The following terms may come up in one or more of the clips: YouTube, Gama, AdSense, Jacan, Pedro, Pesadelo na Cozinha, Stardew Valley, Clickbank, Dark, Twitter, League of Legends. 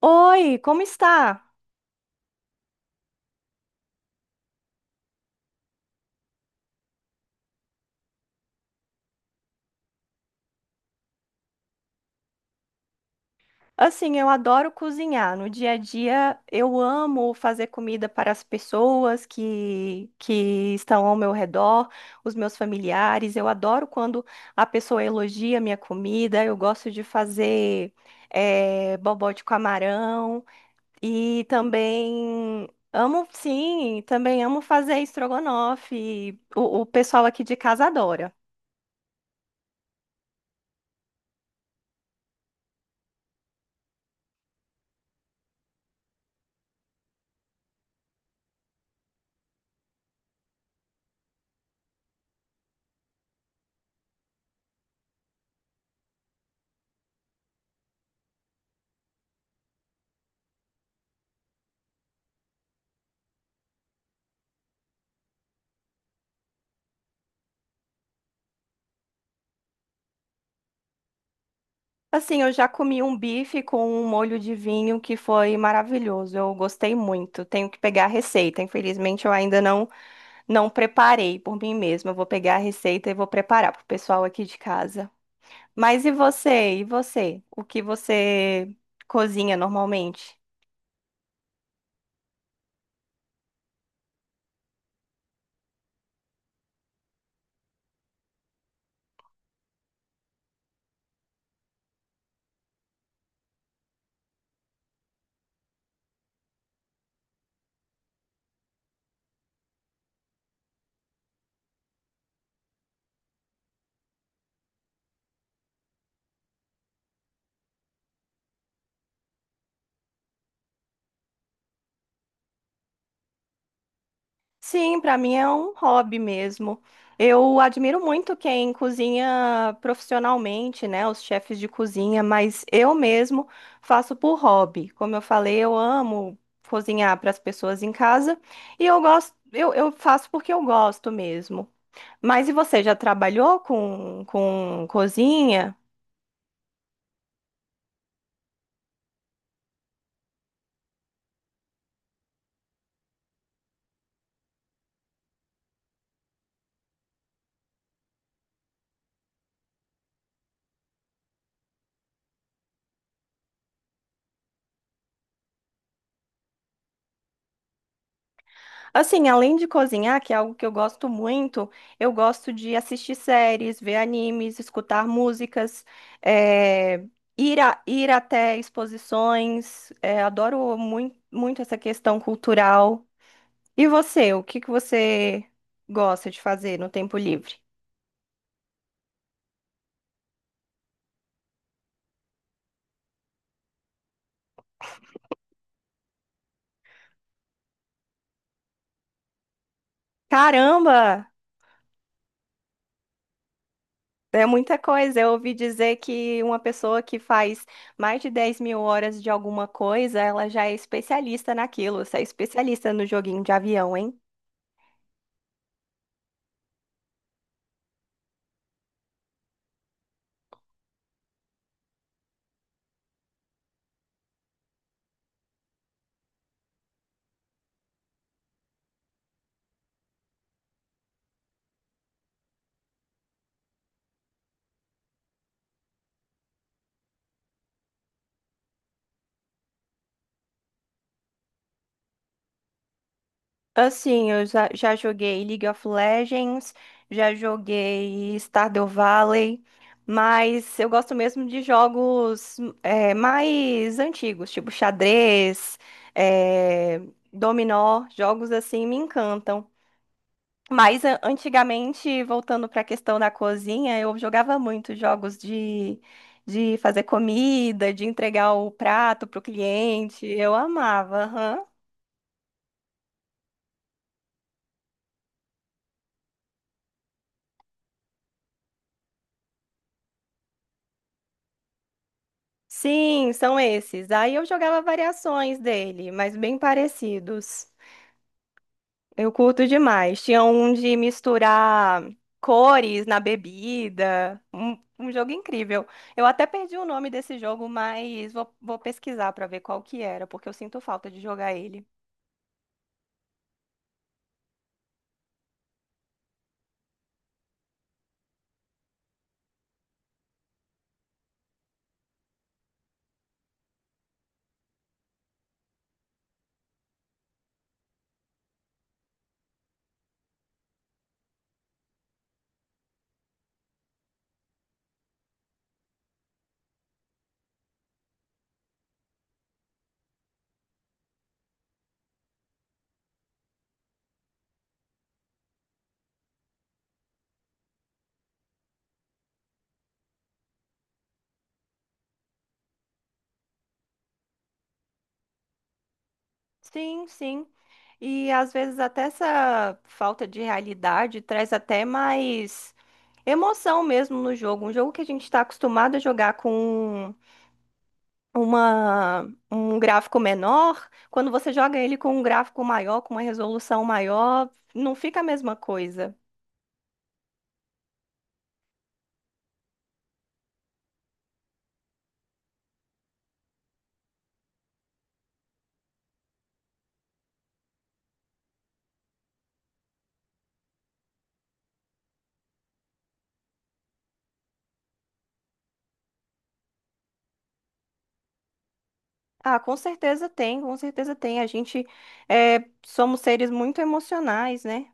Oi, como está? Assim, eu adoro cozinhar. No dia a dia, eu amo fazer comida para as pessoas que estão ao meu redor, os meus familiares. Eu adoro quando a pessoa elogia a minha comida. Eu gosto de fazer bobó de camarão e também amo, sim, também amo fazer estrogonofe. O pessoal aqui de casa adora. Assim, eu já comi um bife com um molho de vinho que foi maravilhoso. Eu gostei muito. Tenho que pegar a receita. Infelizmente, eu ainda não preparei por mim mesma. Eu vou pegar a receita e vou preparar para o pessoal aqui de casa. Mas e você? E você? O que você cozinha normalmente? Sim, para mim é um hobby mesmo. Eu admiro muito quem cozinha profissionalmente, né, os chefes de cozinha, mas eu mesmo faço por hobby. Como eu falei, eu amo cozinhar para as pessoas em casa e eu gosto, eu faço porque eu gosto mesmo. Mas e você já trabalhou com cozinha? Assim, além de cozinhar, que é algo que eu gosto muito, eu gosto de assistir séries, ver animes, escutar músicas, eh, ir até exposições. Adoro muito, muito essa questão cultural. E você, o que que você gosta de fazer no tempo livre? Caramba! É muita coisa. Eu ouvi dizer que uma pessoa que faz mais de 10 mil horas de alguma coisa, ela já é especialista naquilo. Você é especialista no joguinho de avião, hein? Assim, eu já, joguei League of Legends, já joguei Stardew Valley, mas eu gosto mesmo de jogos mais antigos, tipo xadrez, é, dominó, jogos assim me encantam. Mas antigamente, voltando para a questão da cozinha, eu jogava muito jogos de fazer comida, de entregar o prato para o cliente, eu amava. Aham. Sim, são esses. Aí eu jogava variações dele, mas bem parecidos. Eu curto demais. Tinha um de misturar cores na bebida. Um jogo incrível. Eu até perdi o nome desse jogo, mas vou, pesquisar para ver qual que era, porque eu sinto falta de jogar ele. Sim, sim. E às vezes até essa falta de realidade traz até mais emoção mesmo no jogo. Um jogo que a gente está acostumado a jogar com uma, um gráfico menor, quando você joga ele com um gráfico maior, com uma resolução maior, não fica a mesma coisa. Ah, com certeza tem, com certeza tem. A gente somos seres muito emocionais, né?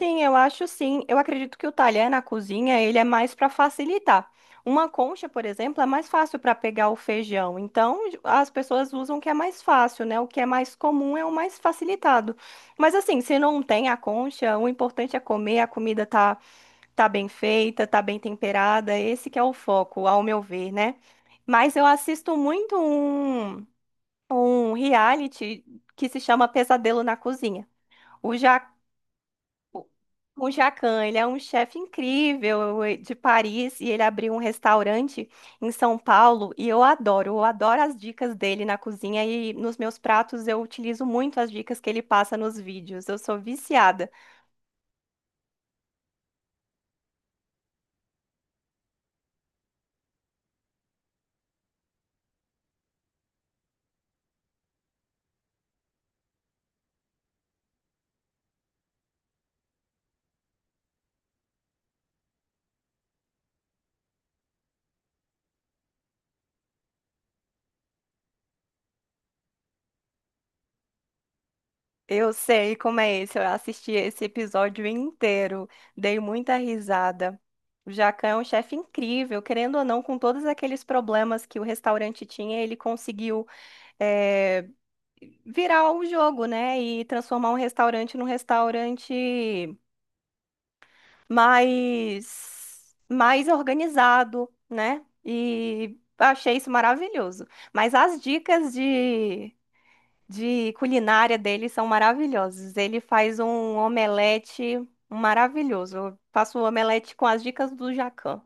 Sim, eu acho sim. Eu acredito que o talher na cozinha, ele é mais para facilitar. Uma concha, por exemplo, é mais fácil para pegar o feijão. Então, as pessoas usam o que é mais fácil, né? O que é mais comum é o mais facilitado. Mas assim, se não tem a concha, o importante é comer, a comida tá bem feita, tá bem temperada. Esse que é o foco, ao meu ver, né? Mas eu assisto muito um reality que se chama Pesadelo na Cozinha. O Jacques o o Jacan, ele é um chefe incrível, de Paris, e ele abriu um restaurante em São Paulo e eu adoro as dicas dele na cozinha e nos meus pratos eu utilizo muito as dicas que ele passa nos vídeos. Eu sou viciada. Eu sei como é isso. Eu assisti esse episódio inteiro, dei muita risada. O Jacan é um chefe incrível, querendo ou não, com todos aqueles problemas que o restaurante tinha, ele conseguiu eh, virar o jogo, né? E transformar um restaurante num restaurante mais organizado, né? E achei isso maravilhoso. Mas as dicas de culinária dele são maravilhosas. Ele faz um omelete maravilhoso. Eu faço o omelete com as dicas do Jacan.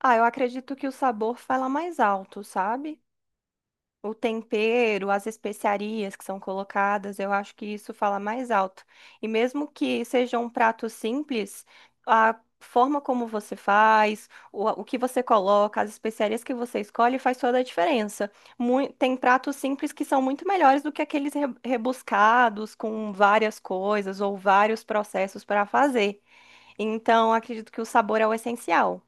Ah, eu acredito que o sabor fala mais alto, sabe? O tempero, as especiarias que são colocadas, eu acho que isso fala mais alto. E mesmo que seja um prato simples, a forma como você faz, o que você coloca, as especiarias que você escolhe faz toda a diferença. Tem pratos simples que são muito melhores do que aqueles rebuscados com várias coisas ou vários processos para fazer. Então, acredito que o sabor é o essencial.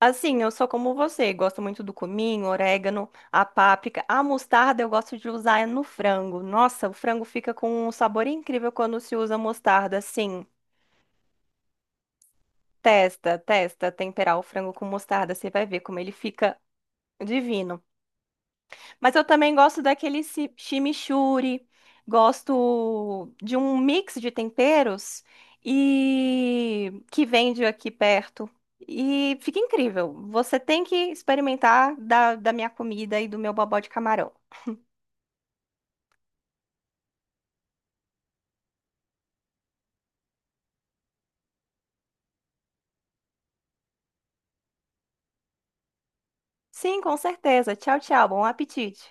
Assim, eu sou como você, gosto muito do cominho, orégano, a páprica, a mostarda eu gosto de usar no frango. Nossa, o frango fica com um sabor incrível quando se usa mostarda, assim. Testa, testa, temperar o frango com mostarda, você vai ver como ele fica divino. Mas eu também gosto daquele chimichurri, gosto de um mix de temperos e que vende aqui perto. E fica incrível. Você tem que experimentar da minha comida e do meu bobó de camarão. Sim, com certeza. Tchau, tchau. Bom apetite.